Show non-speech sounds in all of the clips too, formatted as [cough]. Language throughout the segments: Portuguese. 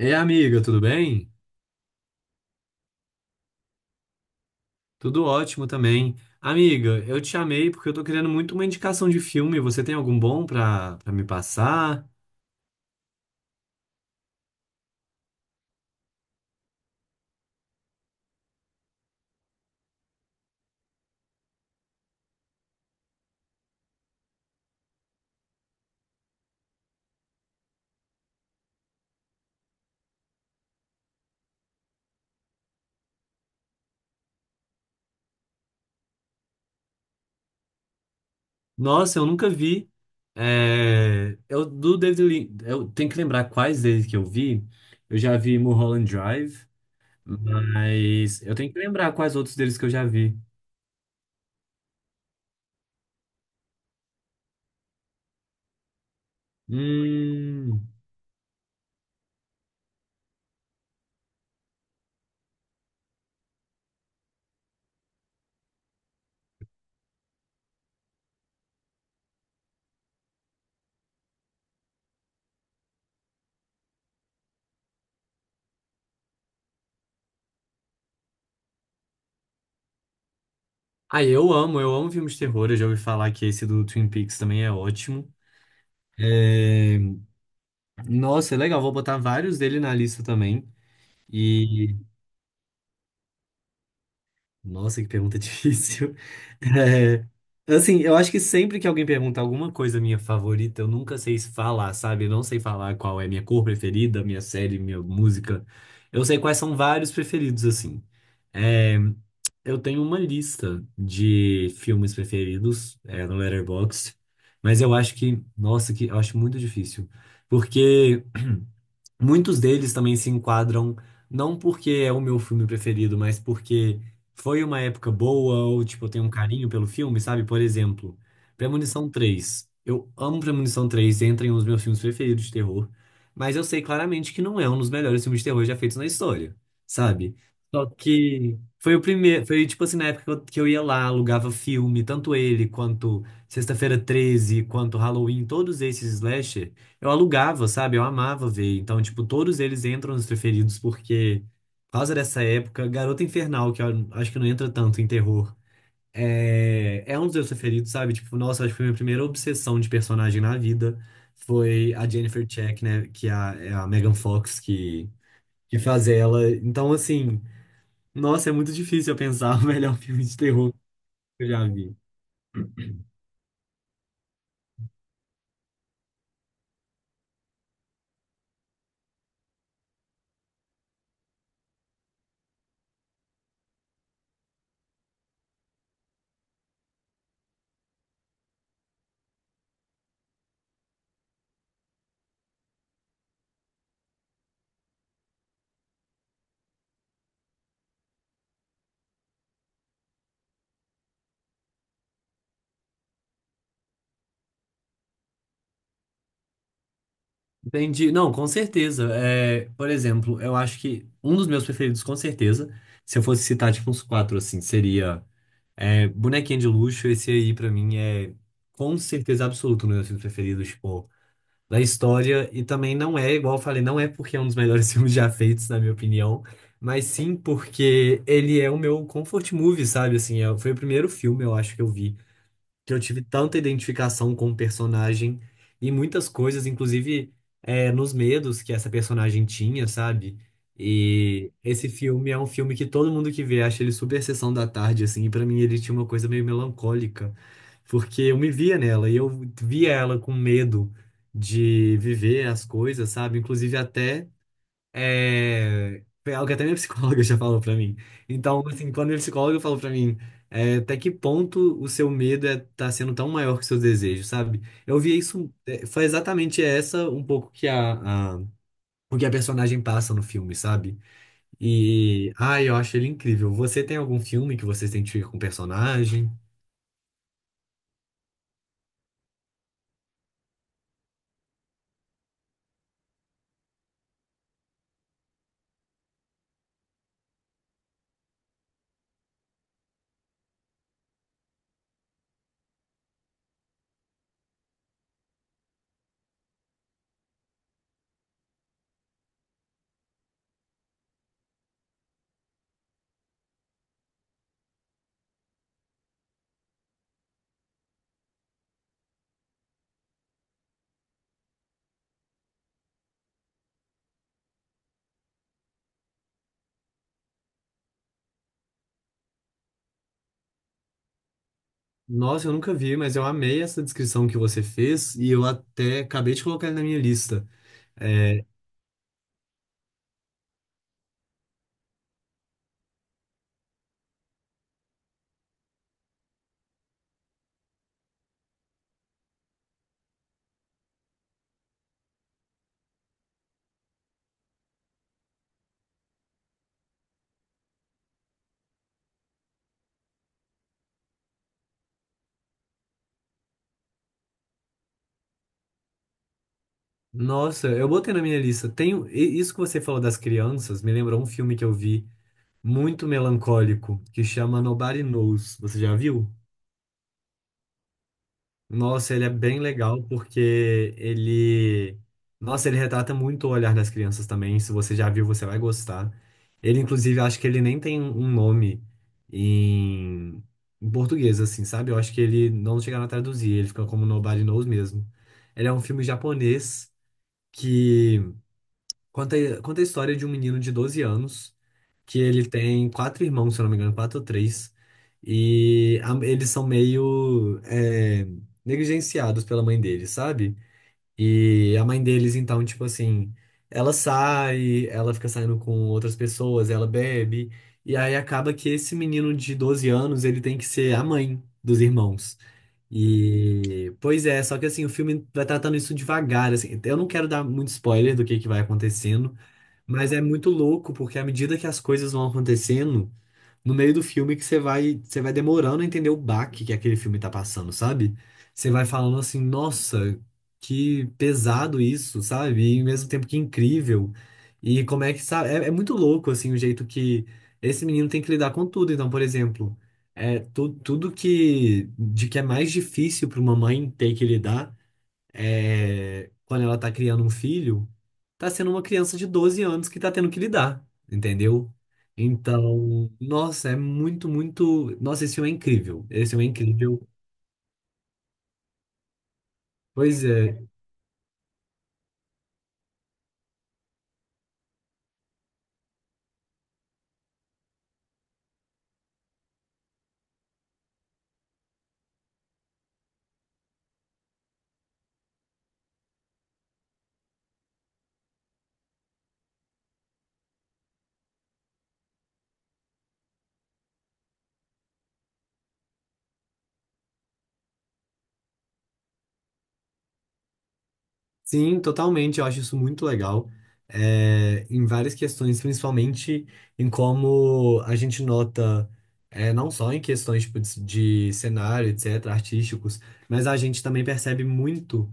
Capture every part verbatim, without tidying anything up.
Ei, amiga, tudo bem? Tudo ótimo também. Amiga, eu te chamei porque eu tô querendo muito uma indicação de filme. Você tem algum bom pra, pra me passar? Nossa, eu nunca vi. É, eu, do David Lin- eu tenho que lembrar quais deles que eu vi. Eu já vi Mulholland Drive, mas eu tenho que lembrar quais outros deles que eu já vi. Hum... Ah, eu amo, eu amo filmes de terror. Eu já ouvi falar que esse do Twin Peaks também é ótimo. É, Nossa, é legal. Vou botar vários dele na lista também. E. Nossa, que pergunta [laughs] difícil. É, Assim, eu acho que sempre que alguém pergunta alguma coisa minha favorita, eu nunca sei falar, sabe? Eu não sei falar qual é minha cor preferida, minha série, minha música. Eu sei quais são vários preferidos, assim. É, Eu tenho uma lista de filmes preferidos, é, no Letterboxd, mas eu acho que, nossa, que eu acho muito difícil, porque muitos deles também se enquadram, não porque é o meu filme preferido, mas porque foi uma época boa, ou tipo, eu tenho um carinho pelo filme, sabe? Por exemplo, Premonição três eu amo Premonição três, entra em um dos meus filmes preferidos de terror, mas eu sei claramente que não é um dos melhores filmes de terror já feitos na história, sabe? Só que foi o primeiro, foi tipo assim, na época que eu que eu ia lá, alugava filme, tanto ele quanto Sexta-feira treze quanto Halloween, todos esses slasher. Eu alugava, sabe? Eu amava ver. Então, tipo, todos eles entram nos preferidos, porque, por causa dessa época, Garota Infernal, que eu acho que não entra tanto em terror, é, é um dos meus preferidos, sabe? Tipo, nossa, acho que foi a minha primeira obsessão de personagem na vida. Foi a Jennifer Check, né? Que é a, é a Megan Fox que, que faz ela. Então, assim, nossa, é muito difícil eu pensar [laughs] o melhor filme de terror que eu já vi. Entendi. Não, com certeza. É, por exemplo, eu acho que um dos meus preferidos, com certeza, se eu fosse citar tipo uns quatro assim, seria é, Bonequinha de Luxo. Esse aí pra mim é, com certeza, absoluto um dos meus filmes preferidos, tipo, da história. E também não é, igual eu falei, não é porque é um dos melhores [laughs] filmes já feitos, na minha opinião, mas sim porque ele é o meu comfort movie, sabe? Assim, é- foi o primeiro filme, eu acho, que eu vi, que eu tive tanta identificação com o personagem e muitas coisas, inclusive é, nos medos que essa personagem tinha, sabe? E esse filme é um filme que todo mundo que vê acha ele super sessão da tarde, assim, e pra mim ele tinha uma coisa meio melancólica, porque eu me via nela e eu via ela com medo de viver as coisas, sabe? Inclusive até. É, foi algo que até minha psicóloga [laughs] já falou pra mim. Então, assim, quando minha psicóloga falou pra mim, é, até que ponto o seu medo é, tá sendo tão maior que o seu desejo, sabe? Eu via isso, é, foi exatamente essa um pouco que a, a- o que a personagem passa no filme, sabe? E, ai, eu acho ele incrível. Você tem algum filme que você se identifica com o personagem? Nossa, eu nunca vi, mas eu amei essa descrição que você fez e eu até acabei de colocar ele na minha lista. É, Nossa, eu botei na minha lista. Tem, um, e- isso que você falou das crianças me lembrou um filme que eu vi muito melancólico, que chama Nobody Knows. Você já viu? Nossa, ele é bem legal porque ele. Nossa, ele retrata muito o olhar das crianças também. Se você já viu, você vai gostar. Ele, inclusive, acho que ele nem tem um um nome em, em português, assim, sabe? Eu acho que ele não chegaram a traduzir, ele fica como Nobody Knows mesmo. Ele é um filme japonês que. Conta, conta a história de um menino de doze anos, que ele tem quatro irmãos, se eu não me engano, quatro ou três, e a- eles são meio é, negligenciados pela mãe deles, sabe? E a mãe deles, então, tipo assim, ela sai, ela fica saindo com outras pessoas, ela bebe, e aí acaba que esse menino de doze anos, ele tem que ser a mãe dos irmãos. E, pois é, só que assim, o filme vai tratando isso devagar, assim. Eu não quero dar muito spoiler do que que vai acontecendo, mas é muito louco, porque à medida que as coisas vão acontecendo, no meio do filme que você vai, você vai demorando a entender o baque que aquele filme tá passando, sabe? Você vai falando assim, nossa, que pesado isso, sabe? E ao mesmo tempo que incrível. E como é que, sabe? É, é muito louco, assim, o jeito que esse menino tem que lidar com tudo. Então, por exemplo, é tu, tudo que, de que é mais difícil para uma mãe ter que lidar é, quando ela tá criando um filho, tá sendo uma criança de doze anos que tá tendo que lidar, entendeu? Então, nossa, é muito, muito. Nossa, esse filme é incrível. Esse filme é incrível. Pois é, sim, totalmente. Eu acho isso muito legal. É, em várias questões, principalmente em como a gente nota, é, não só em questões, tipo, de de cenário, et cetera, artísticos, mas a gente também percebe muito.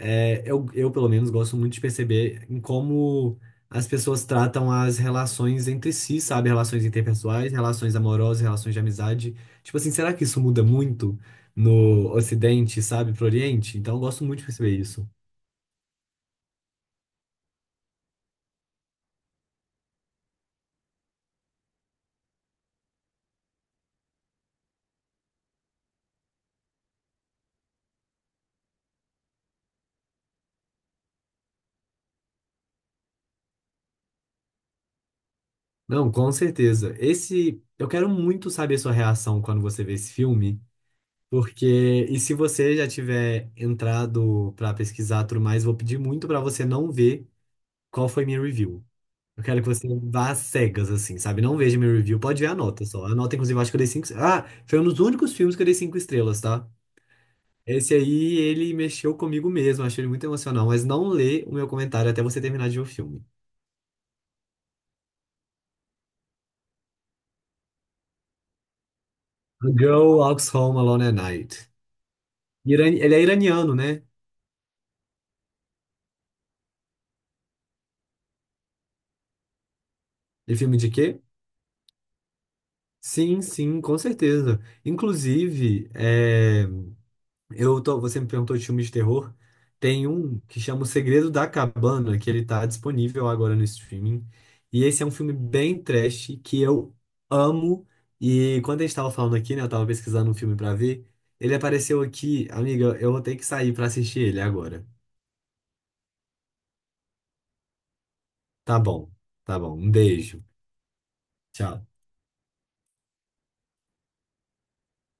É, eu, eu, pelo menos, gosto muito de perceber em como as pessoas tratam as relações entre si, sabe? Relações interpessoais, relações amorosas, relações de amizade. Tipo assim, será que isso muda muito no Ocidente, sabe? Pro Oriente? Então, eu gosto muito de perceber isso. Não, com certeza. Esse, eu quero muito saber sua reação quando você vê esse filme, porque, e se você já tiver entrado pra pesquisar tudo mais, vou pedir muito pra você não ver qual foi minha review. Eu quero que você vá às cegas, assim, sabe? Não veja meu review, pode ver a nota só. A nota, inclusive, eu acho que eu dei cinco. Ah, foi um dos únicos filmes que eu dei cinco estrelas, tá? Esse aí, ele mexeu comigo mesmo, achei ele muito emocional, mas não lê o meu comentário até você terminar de ver o filme. A Girl Walks Home Alone at Night. Irani- Ele é iraniano, né? Ele é filme de quê? Sim, sim, com certeza. Inclusive, é, Eu tô, você me perguntou de filme de terror. Tem um que chama O Segredo da Cabana, que ele tá disponível agora no streaming. E esse é um filme bem trash que eu amo. E quando a gente tava falando aqui, né, eu tava pesquisando um filme pra ver, ele apareceu aqui. Amiga, eu vou ter que sair pra assistir ele agora. Tá bom. Tá bom. Um beijo. Tchau.